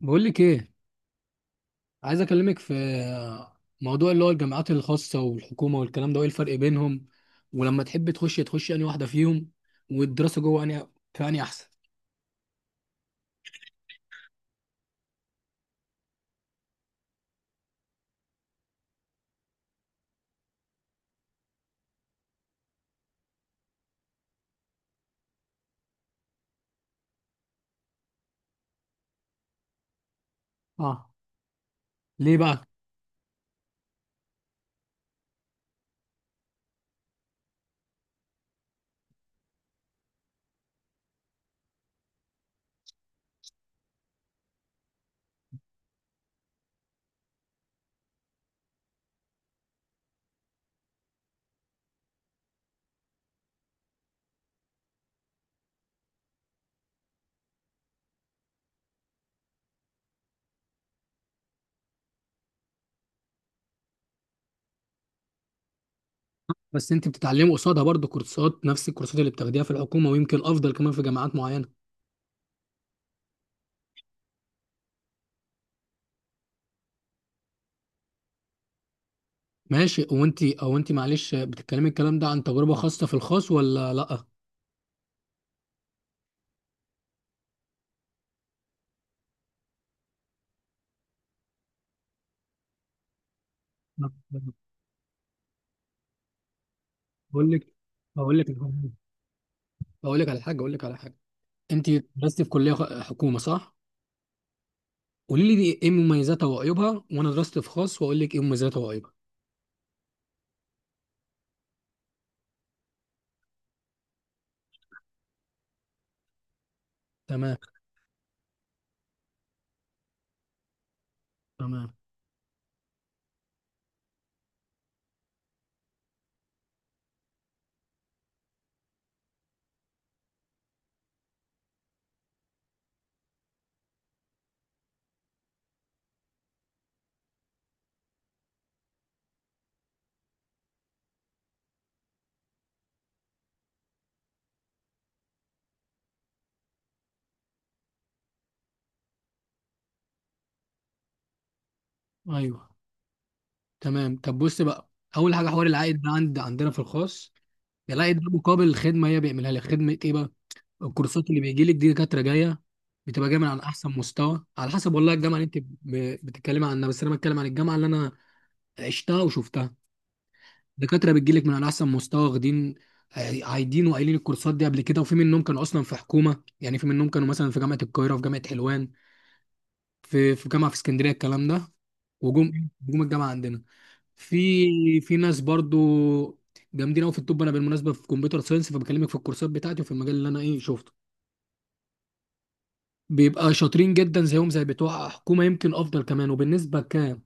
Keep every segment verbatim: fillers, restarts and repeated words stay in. بقول لك ايه. عايز اكلمك في موضوع اللي هو الجامعات الخاصه والحكومه والكلام ده، وايه الفرق بينهم، ولما تحب تخش تخش انهي واحده فيهم، والدراسه جوه انهي، في انهي احسن؟ اه، ليه بقى؟ بس انت بتتعلمي قصادها برضه كورسات، نفس الكورسات اللي بتاخديها في الحكومه، ويمكن افضل كمان في جامعات معينه. ماشي، وانت او انت معلش بتتكلمي الكلام ده عن تجربه خاصه في الخاص ولا لا؟ لا، بقول لك بقول لك بقول لك على حاجه، اقول لك على حاجه. انت درستي في كليه خ- حكومه، صح؟ قولي لي دي ايه مميزاتها وعيوبها، وانا درست في خاص واقول لك ايه مميزاتها وعيوبها. تمام. تمام. ايوه، تمام. طب بص بقى، اول حاجه حوار العائد ده، عند عندنا في الخاص العائد ده مقابل الخدمه، هي بيعملها لك خدمه ايه بقى. الكورسات اللي بيجي لك دي دكاتره جايه، بتبقى جايه من على احسن مستوى، على حسب والله الجامعه اللي انت ب- بتتكلمي عنها، بس انا بتكلم عن الجامعه اللي انا عشتها وشفتها. دكاتره بتجي لك من على احسن مستوى، واخدين عاي- عايدين وقايلين الكورسات دي قبل كده، وفي منهم كانوا اصلا في حكومه، يعني في منهم كانوا مثلا في جامعه القاهره، في جامعه حلوان، في في جامعه في اسكندريه، الكلام ده. وجم جم الجامعه عندنا في في ناس برضو جامدين قوي في الطب. انا بالمناسبه في كمبيوتر ساينس، فبكلمك في الكورسات بتاعتي وفي المجال اللي انا ايه شفته. بيبقى شاطرين جدا زيهم زي بتوع حكومه، يمكن افضل كمان. وبالنسبه ك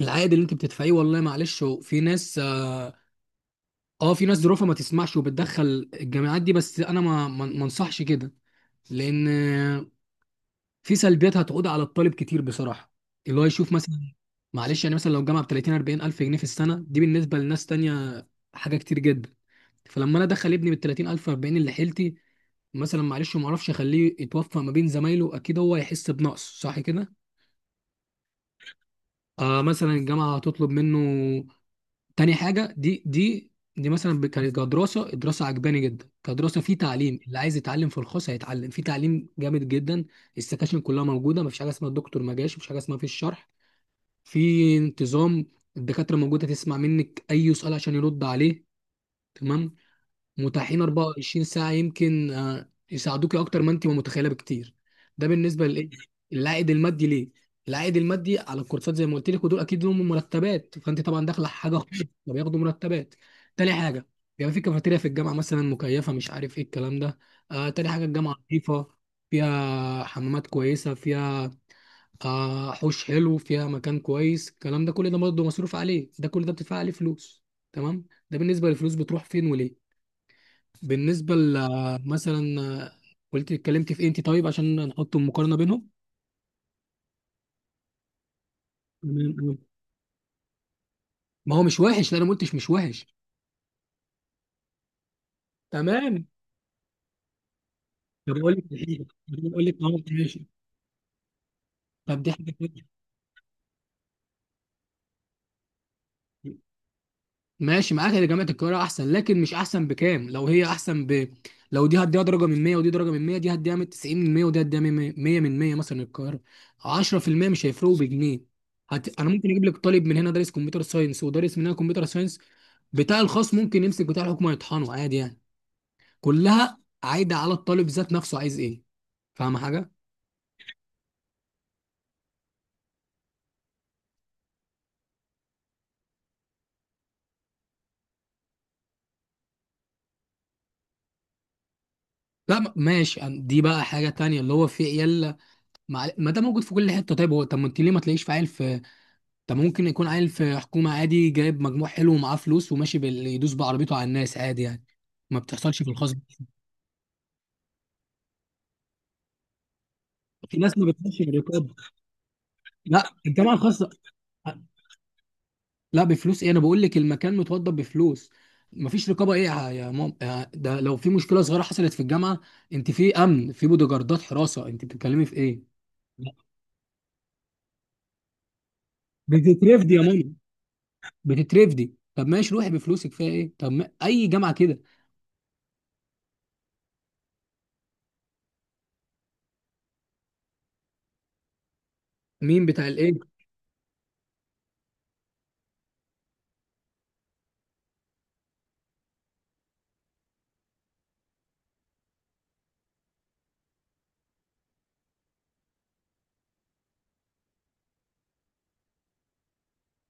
العائد اللي انت بتدفعيه، والله معلش، هو في ناس اه آه، في ناس ظروفها ما تسمحش وبتدخل الجامعات دي، بس انا ما ما ما انصحش كده، لان في سلبيات هتعود على الطالب كتير بصراحه، اللي هو يشوف مثلا، معلش، يعني مثلا لو الجامعه ب تلاتين اربعين الف جنيه في السنه، دي بالنسبه لناس تانية حاجه كتير جدا. فلما انا ادخل ابني بال تلاتين الف أربعين، اللي حيلتي مثلا معلش ما اعرفش اخليه يتوفق ما بين زمايله، اكيد هو هيحس بنقص، صح كده؟ آه، مثلا الجامعه هتطلب منه. تاني حاجة، دي دي دي مثلا ب- كانت كدراسة، الدراسة عجباني جدا كدراسة، في تعليم. اللي عايز يتعلم في الخاص هيتعلم في تعليم جامد جدا. السكاشن كلها موجودة، مفيش حاجة اسمها الدكتور ما جاش، مفيش حاجة اسمها في الشرح، في انتظام. الدكاترة موجودة تسمع منك أي سؤال عشان يرد عليه، تمام. متاحين اربعة وعشرين ساعة، يمكن آه، يساعدوك أكتر ما أنت ما متخيلة بكتير. ده بالنسبة للإيه؟ العائد المادي ليه؟ العائد المادي على الكورسات زي ما قلت لك، ودول أكيد لهم مرتبات، فأنت طبعا داخلة حاجة خاصة فبياخدوا مرتبات. تاني حاجة، بيبقى في كافيتيريا في الجامعة مثلا مكيفة، مش عارف إيه الكلام ده. آه، تاني حاجة، الجامعة نظيفة، فيها حمامات كويسة، فيها آه حوش حلو، فيها مكان كويس، الكلام ده كل ده برضه مصروف عليه، ده كل ده بتدفع عليه فلوس، تمام. ده بالنسبة للفلوس بتروح فين وليه. بالنسبة ل- مثلا، قلت اتكلمت في انتي، طيب عشان نحط مقارنة بينهم. تمام. تمام. ما هو مش وحش، لا انا ما قلتش مش وحش. تمام. طب اقول لك دي حاجة. طب اقول لك، اه ماشي، طب دي حاجة تانية. ماشي معاك ان جامعه القاهره احسن، لكن مش احسن بكام؟ لو هي احسن ب، لو دي هديها درجه من ميه ودي درجه من ميه، دي هديها من تسعين من ميه، ودي هديها من ميه، ميه من ميه مثلا، القاهره. عشرة في المية مش هيفرقوا بجنيه. هت... انا ممكن اجيب لك طالب من هنا دارس كمبيوتر ساينس، ودارس من هنا كمبيوتر ساينس، بتاع الخاص ممكن يمسك بتاع الحكومه يطحنه عادي يعني. كلها عايده على الطالب ذات نفسه، عايز ايه. فاهم حاجه؟ لا، ما- ماشي، أم- دي بقى حاجه تانية اللي هو في عيال، مع... ما ده موجود في كل حته. طيب هو، طب ما انت ليه ما تلاقيش في عيل في، طب ممكن يكون عيل في حكومة عادي، جايب مجموع حلو ومعاه فلوس، وماشي بال... يدوس بعربيته على الناس عادي يعني، ما بتحصلش في الخاص. في ناس ما بتخش بالرقاب. لا، الجامعة الخاصة، لا بفلوس ايه، انا بقول لك المكان متوضب بفلوس. مفيش رقابة ايه يا يا مام يا-، ده لو في مشكلة صغيرة حصلت في الجامعة، انت في امن، في بودوجاردات حراسة، انت بتتكلمي في ايه؟ لا. بتترفدي يا ماما، بتترفدي، طب ماشي روحي بفلوسك، فيها ايه، طب ما... اي جامعة كده. مين بتاع الايه؟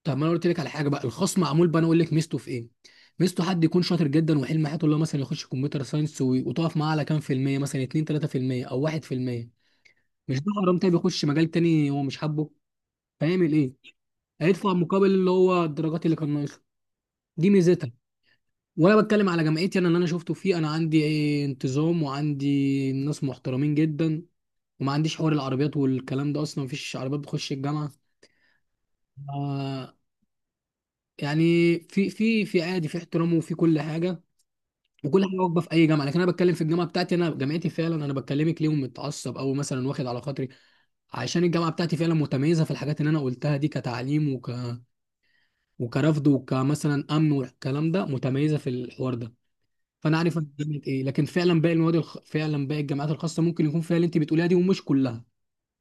طب ما انا قلت لك على حاجه بقى الخاص معمول بقى، انا اقول لك ميزته في ايه. ميزته، حد يكون شاطر جدا وحلم حياته اللي هو مثلا يخش كمبيوتر ساينس، وي- وتقف معاه على كام في الميه، مثلا اتنين تلاتة في المية او واحد في المية، مش ده حرام؟ تاني بيخش مجال تاني هو مش حابه، هيعمل ايه؟ هيدفع مقابل اللي هو الدرجات اللي كان ناقصها. دي ميزتها. وانا بتكلم على جامعتي انا، اللي انا شفته فيه، انا عندي إيه، انتظام، وعندي ناس محترمين جدا، وما عنديش حوار العربيات والكلام ده، اصلا مفيش عربيات بتخش الجامعه، آه. يعني في في في عادي، في احترام وفي كل حاجه. وكل حاجه واقفه في اي جامعه، لكن انا بتكلم في الجامعه بتاعتي انا، جامعتي فعلا، انا بكلمك ليهم، متعصب او مثلا واخد على خاطري عشان الجامعه بتاعتي فعلا متميزه في الحاجات اللي انا قلتها دي، كتعليم، وك... وكرفض، وكمثلا امن والكلام ده، متميزه في الحوار ده. فانا عارف أنا جامعه ايه، لكن فعلا باقي المواد الخ... فعلا باقي الجامعات الخاصه ممكن يكون فيها اللي انت بتقوليها دي، ومش كلها،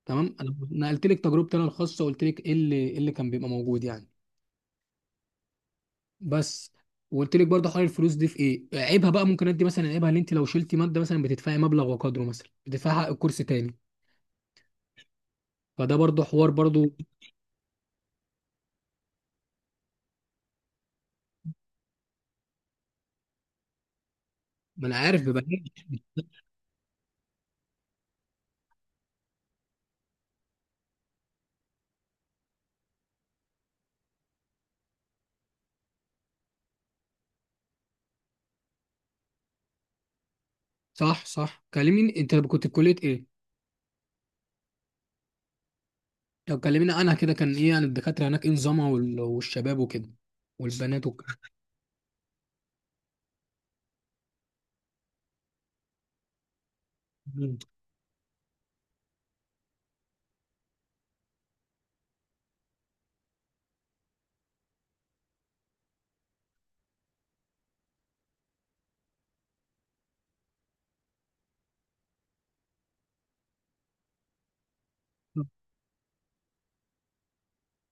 تمام. انا نقلت لك تجربتي انا الخاصه، وقلت لك ايه اللي، إيه اللي كان بيبقى موجود يعني، بس. وقلت لك برضه حوار الفلوس دي في ايه عيبها بقى، ممكن ادي مثلا عيبها ان انت لو شلتي ماده مثلا بتدفعي مبلغ وقدره، مثلا بتدفعي حق الكورس تاني، فده برضه حوار برضه. ما انا عارف، ببقى صح صح. كلميني انت كنت في كليه ايه، لو كلميني انا كده كان ايه يعني، الدكاتره هناك ايه نظامها، وال- والشباب وكده، والبنات والكلام ده.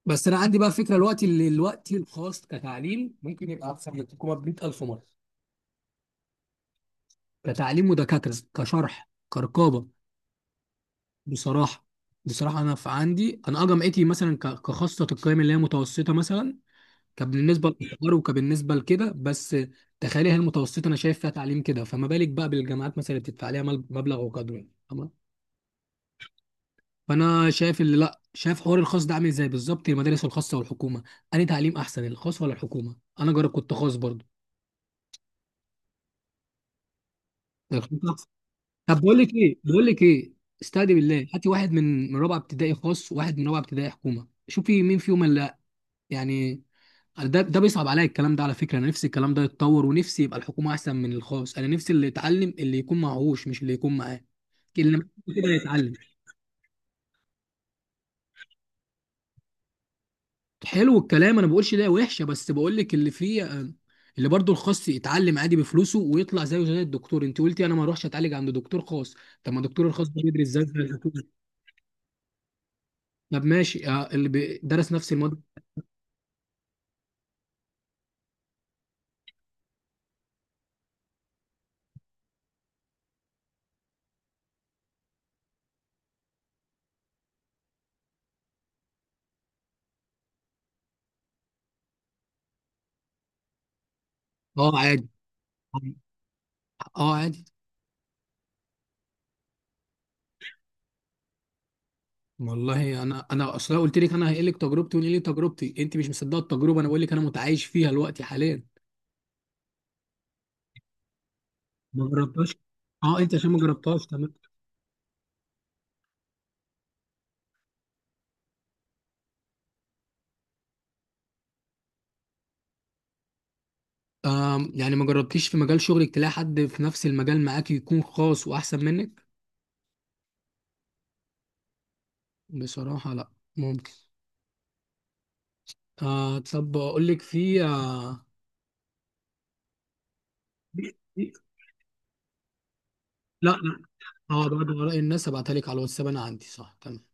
بس انا عندي بقى فكره، الوقت اللي الوقت الخاص كتعليم ممكن يبقى احسن من الحكومه ب ميت الف مره، كتعليم ودكاتره كشرح كرقابه، بصراحة. بصراحة أنا في عندي، أنا أه جامعتي مثلا ك- كخاصة القيم اللي هي متوسطة، مثلا كبالنسبة للإحضار وكبالنسبة لكده بس. تخيلي هي المتوسطة أنا شايف فيها تعليم كده، فما بالك بقى بالجامعات مثلا اللي بتدفع عليها مل- مبلغ وقدره يعني، تمام. فأنا شايف اللي، لأ شايف حوار الخاص ده عامل إزاي بالظبط، المدارس الخاصة والحكومة، أنهي تعليم أحسن، الخاص ولا الحكومة؟ أنا جرب، كنت خاص برضه. الخاص أحسن. طب بقول لك إيه، بقول لك إيه، استهدي بالله، هاتي واحد من من رابعة ابتدائي خاص، وواحد من رابعة ابتدائي حكومة، شوفي مين فيهم اللي يعني. ده ده بيصعب عليا الكلام ده على فكره، انا نفسي الكلام ده يتطور، ونفسي يبقى الحكومه احسن من الخاص، انا نفسي اللي يتعلم اللي يكون معهوش، مش اللي يكون معاه. اللي معاه كده يتعلم. حلو الكلام، انا بقولش ده وحشه، بس بقول لك اللي فيه آه، اللي برضه الخاص يتعلم عادي بفلوسه، ويطلع زيه زي الدكتور. انت قلتي انا ما اروحش اتعالج عند دكتور خاص، طب ما الدكتور الخاص ده بيدرس زي الحكومه. طب ماشي، آه، اللي بي- درس نفس الماده، اه عادي، اه عادي. والله انا انا اصلا قلت لك انا هقول لك تجربتي، ونقول لي تجربتي، انت مش مصدقه التجربه، انا بقول لك انا متعايش فيها دلوقتي حاليا. ما جربتهاش، اه انت عشان ما جربتهاش، تمام. آم يعني ما جربتيش في مجال شغلك تلاقي حد في نفس المجال معاك يكون خاص واحسن منك؟ بصراحه لا. ممكن. آه طب اقول لك في آه لا، لا، اه. بعد وراء الناس ابعتها لك على الواتساب، انا عندي، صح، تمام.